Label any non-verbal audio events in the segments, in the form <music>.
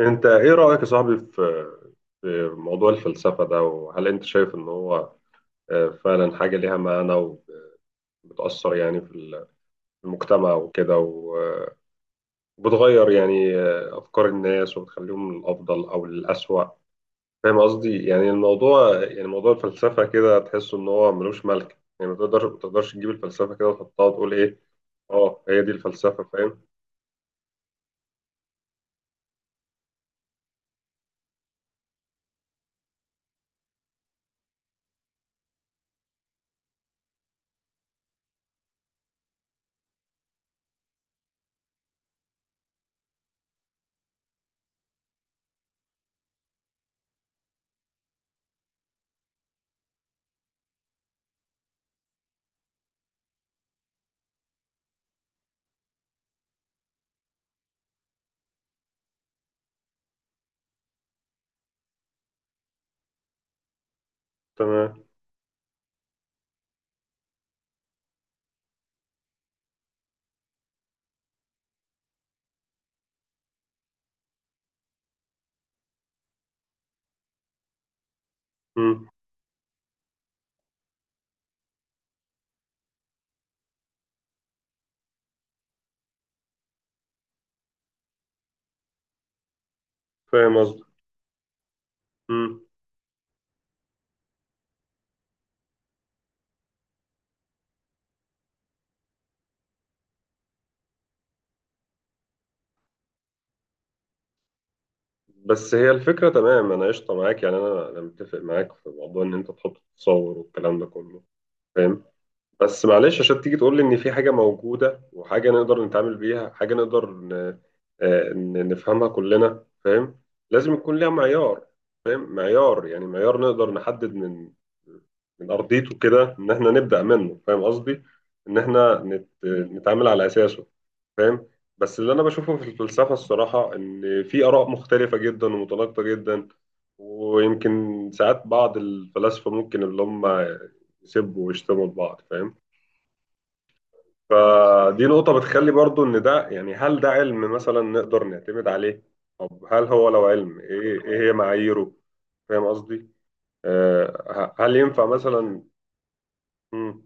انت ايه رأيك يا صاحبي في موضوع الفلسفة ده، وهل انت شايف ان هو فعلا حاجة ليها معنى، وبتأثر يعني في في المجتمع وكده، وبتغير يعني أفكار الناس وبتخليهم للأفضل أو للأسوأ؟ فاهم قصدي؟ يعني الموضوع، يعني موضوع الفلسفة كده، تحس ان هو ملوش ملك، يعني ما تقدرش تجيب الفلسفة كده وتحطها وتقول ايه؟ اه، هي دي الفلسفة، فاهم؟ تمام. مم. فاهم قصدي. بس هي الفكرة، تمام، أنا قشطة معاك، يعني أنا متفق معاك في موضوع إن أنت تحط تصور والكلام ده كله، فاهم. بس معلش، عشان تيجي تقول لي ان في حاجه موجوده وحاجه نقدر نتعامل بيها، حاجه نقدر نفهمها كلنا، فاهم، لازم يكون ليها معيار. فاهم؟ معيار، يعني معيار نقدر نحدد من ارضيته كده ان احنا نبدا منه، فاهم قصدي؟ ان احنا نتعامل على اساسه، فاهم. بس اللي انا بشوفه في الفلسفه الصراحه ان في اراء مختلفه جدا ومتناقضه جدا، ويمكن ساعات بعض الفلاسفه ممكن اللي هم يسبوا ويشتموا لبعض، فاهم. فدي نقطة بتخلي برضو إن ده، يعني، هل ده علم مثلا نقدر نعتمد عليه؟ طب هل هو لو علم إيه، إيه هي معاييره؟ فاهم قصدي؟ آه. هل ينفع مثلا؟ مم.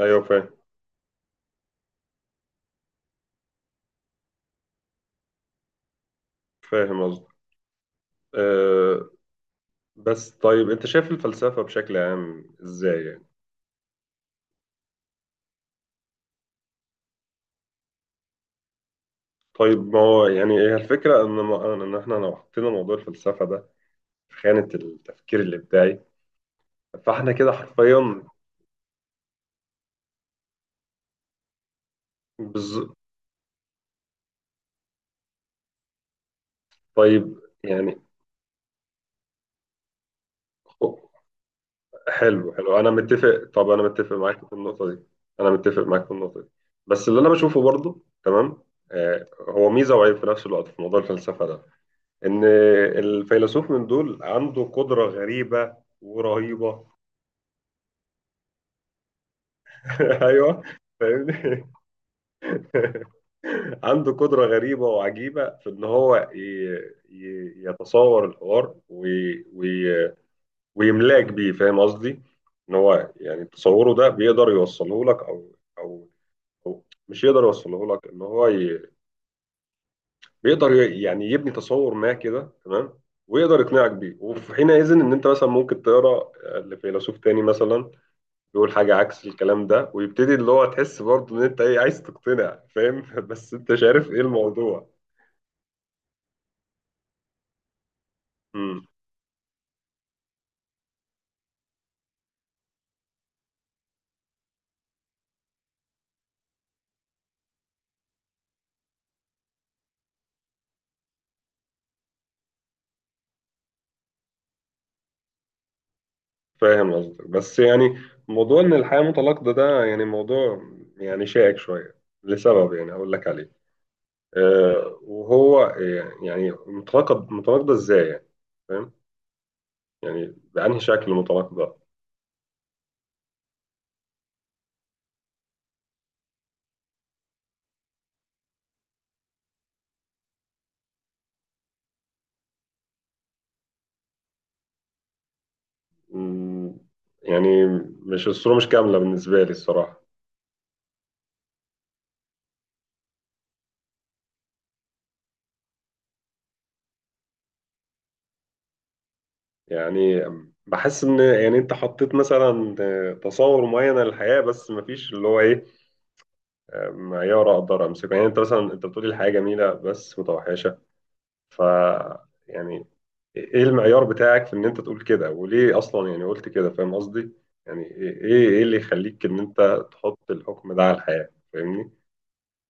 أيوه فاهم. فاهم قصدي. آه بس طيب، أنت شايف الفلسفة بشكل عام إزاي يعني؟ طيب ما هو يعني هي الفكرة إن إن إحنا لو حطينا موضوع الفلسفة ده في خانة التفكير الإبداعي، فإحنا كده حرفيا بز... طيب يعني، حلو حلو، انا متفق طب انا متفق معاك في النقطه دي. انا متفق معاك في النقطه دي، بس اللي انا بشوفه برضو، تمام. هو ميزه وعيب في نفس الوقت في موضوع الفلسفه ده، ان الفيلسوف من دول عنده قدره غريبه ورهيبه. <laughs> ايوه، فاهمني. <laughs> عنده قدره غريبه وعجيبه في ان هو يتصور الحوار ويملاك بيه، فاهم قصدي، ان هو يعني تصوره ده بيقدر يوصله لك، او او هو مش يقدر يوصله لك، ان هو بيقدر يعني يبني تصور ما كده، تمام، ويقدر يقنعك بيه، وفي حينئذ ان انت مثلا ممكن تقرا لفيلسوف تاني مثلا يقول حاجه عكس الكلام ده، ويبتدي اللي هو تحس برضه ان انت ايه عايز تقتنع، فاهم. <laughs> بس انت مش عارف ايه الموضوع. امم فاهم قصدك، بس يعني موضوع ان الحياه متناقضه ده يعني موضوع، يعني شائك شويه، لسبب يعني هقول لك عليه. أه، وهو يعني متناقض، متناقضه ازاي يعني، فاهم؟ يعني بأنهي شكل مطلق ده؟ مم. يعني مش كاملة بالنسبة لي الصراحة. يعني بحس إن، يعني أنت حطيت مثلا تصور معين للحياة، بس مفيش اللي هو إيه، معيار أقدر أمسكه. يعني أنت مثلا، أنت بتقولي الحياة جميلة بس متوحشة، ف يعني إيه المعيار بتاعك في إن أنت تقول كده، وليه أصلا يعني قلت كده، فاهم قصدي؟ يعني إيه، اللي يخليك إن أنت تحط الحكم ده على الحياة، فاهمني؟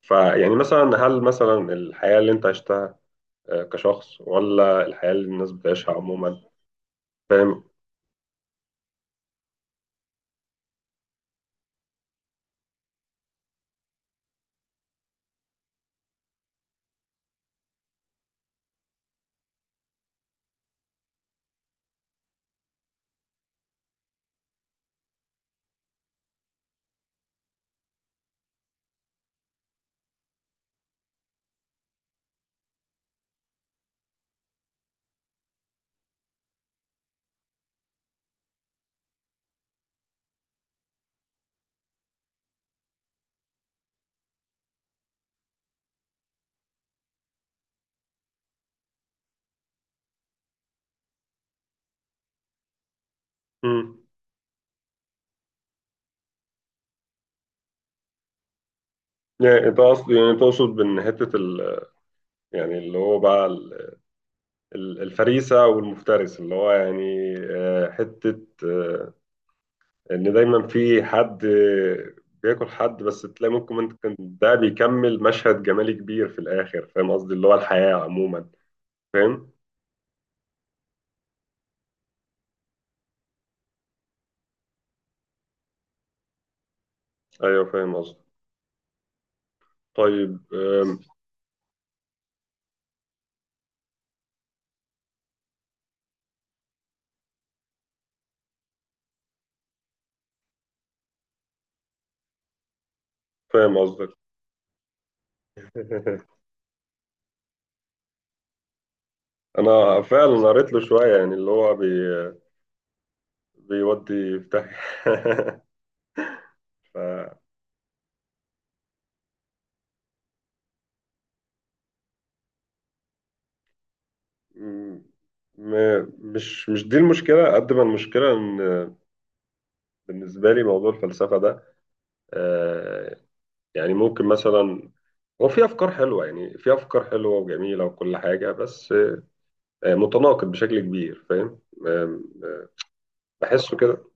فيعني مثلا، هل مثلا الحياة اللي أنت عشتها كشخص، ولا الحياة اللي الناس بتعيشها عموما، فاهم؟ مم. يعني ده قصدي، يعني تقصد بإن يعني اللي هو بقى الفريسة والمفترس، اللي هو يعني حتة، إن دايما في حد بياكل حد، بس تلاقي ممكن انت كان ده بيكمل مشهد جمالي كبير في الآخر، فاهم قصدي؟ اللي هو الحياة عموما، فاهم. أيوه فاهم قصدي. طيب، فاهم قصدك. <laughs> انا فعلا قريت له شويه، يعني اللي هو بيودي في داهية. <laughs> ف م- مش دي المشكلة قد ما المشكلة، إن بالنسبة لي موضوع الفلسفة ده، آه، يعني ممكن مثلا، هو في أفكار حلوة، يعني في أفكار حلوة وجميلة وكل حاجة، بس متناقض بشكل كبير، فاهم. آه، آه، بحسه كده.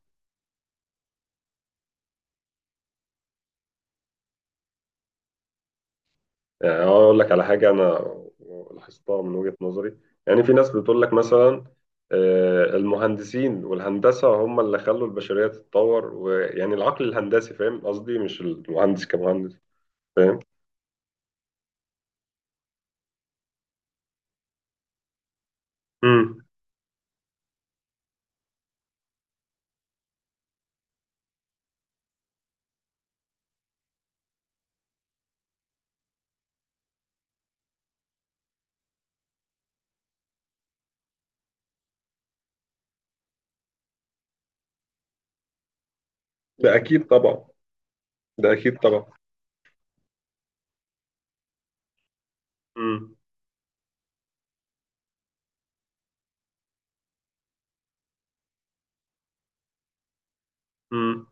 يعني أنا أقول لك على حاجة أنا لاحظتها من وجهة نظري. يعني في ناس بتقول لك مثلا المهندسين والهندسة هم اللي خلوا البشرية تتطور، ويعني العقل الهندسي، فاهم قصدي، مش المهندس كمهندس، فاهم. مم. ده أكيد طبعا، ده أكيد طبعا. مم. مم.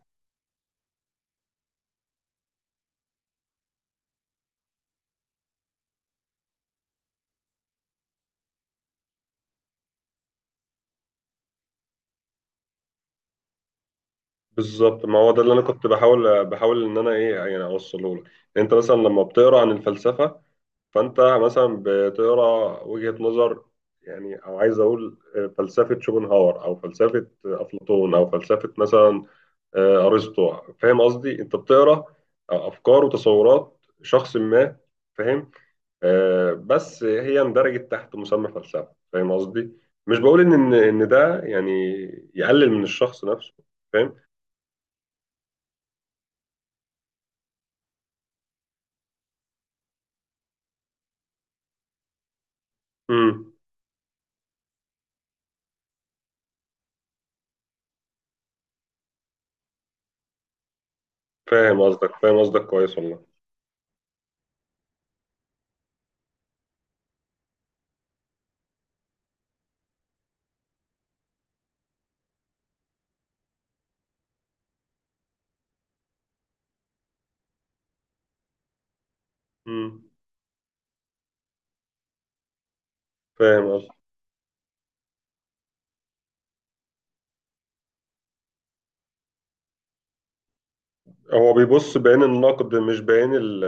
بالظبط، ما هو ده اللي أنا كنت بحاول إن أنا إيه يعني أوصله لك. أنت مثلا لما بتقرأ عن الفلسفة، فانت مثلا بتقرا وجهة نظر، يعني او عايز اقول فلسفة شوبنهاور او فلسفة افلاطون او فلسفة مثلا ارسطو، فاهم قصدي، انت بتقرا افكار وتصورات شخص ما، فاهم. بس هي اندرجت تحت مسمى فلسفة، فاهم قصدي، مش بقول ان إن ده يعني يقلل من الشخص نفسه، فاهم. امم فاهم قصدك، فاهم قصدك كويس والله. امم فاهم قصدك. هو بيبص بعين النقد، مش بعين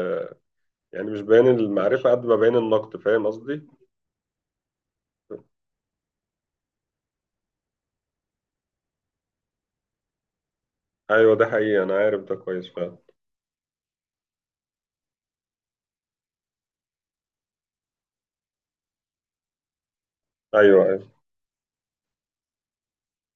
يعني مش بيان المعرفة قد ما بيان النقد، فاهم قصدي؟ أيوه، ده حقيقي، أنا عارف ده كويس فعلا. أيوه، أيوه.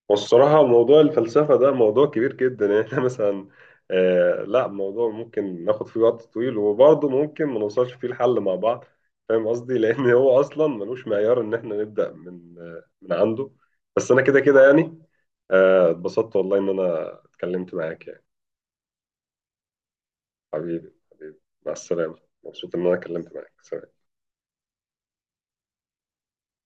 والصراحة موضوع الفلسفة ده موضوع كبير جدا يعني. <laughs> إحنا مثلا لا، موضوع ممكن ناخد فيه وقت طويل، وبرضه ممكن ما نوصلش فيه الحل مع بعض، فاهم قصدي؟ لأن هو أصلا ملوش معيار إن إحنا نبدأ من من عنده. بس أنا كده كده يعني، اتبسطت والله إن أنا اتكلمت معاك يعني. حبيبي حبيبي، مع السلامة. مبسوط إن أنا اتكلمت معاك. سلام.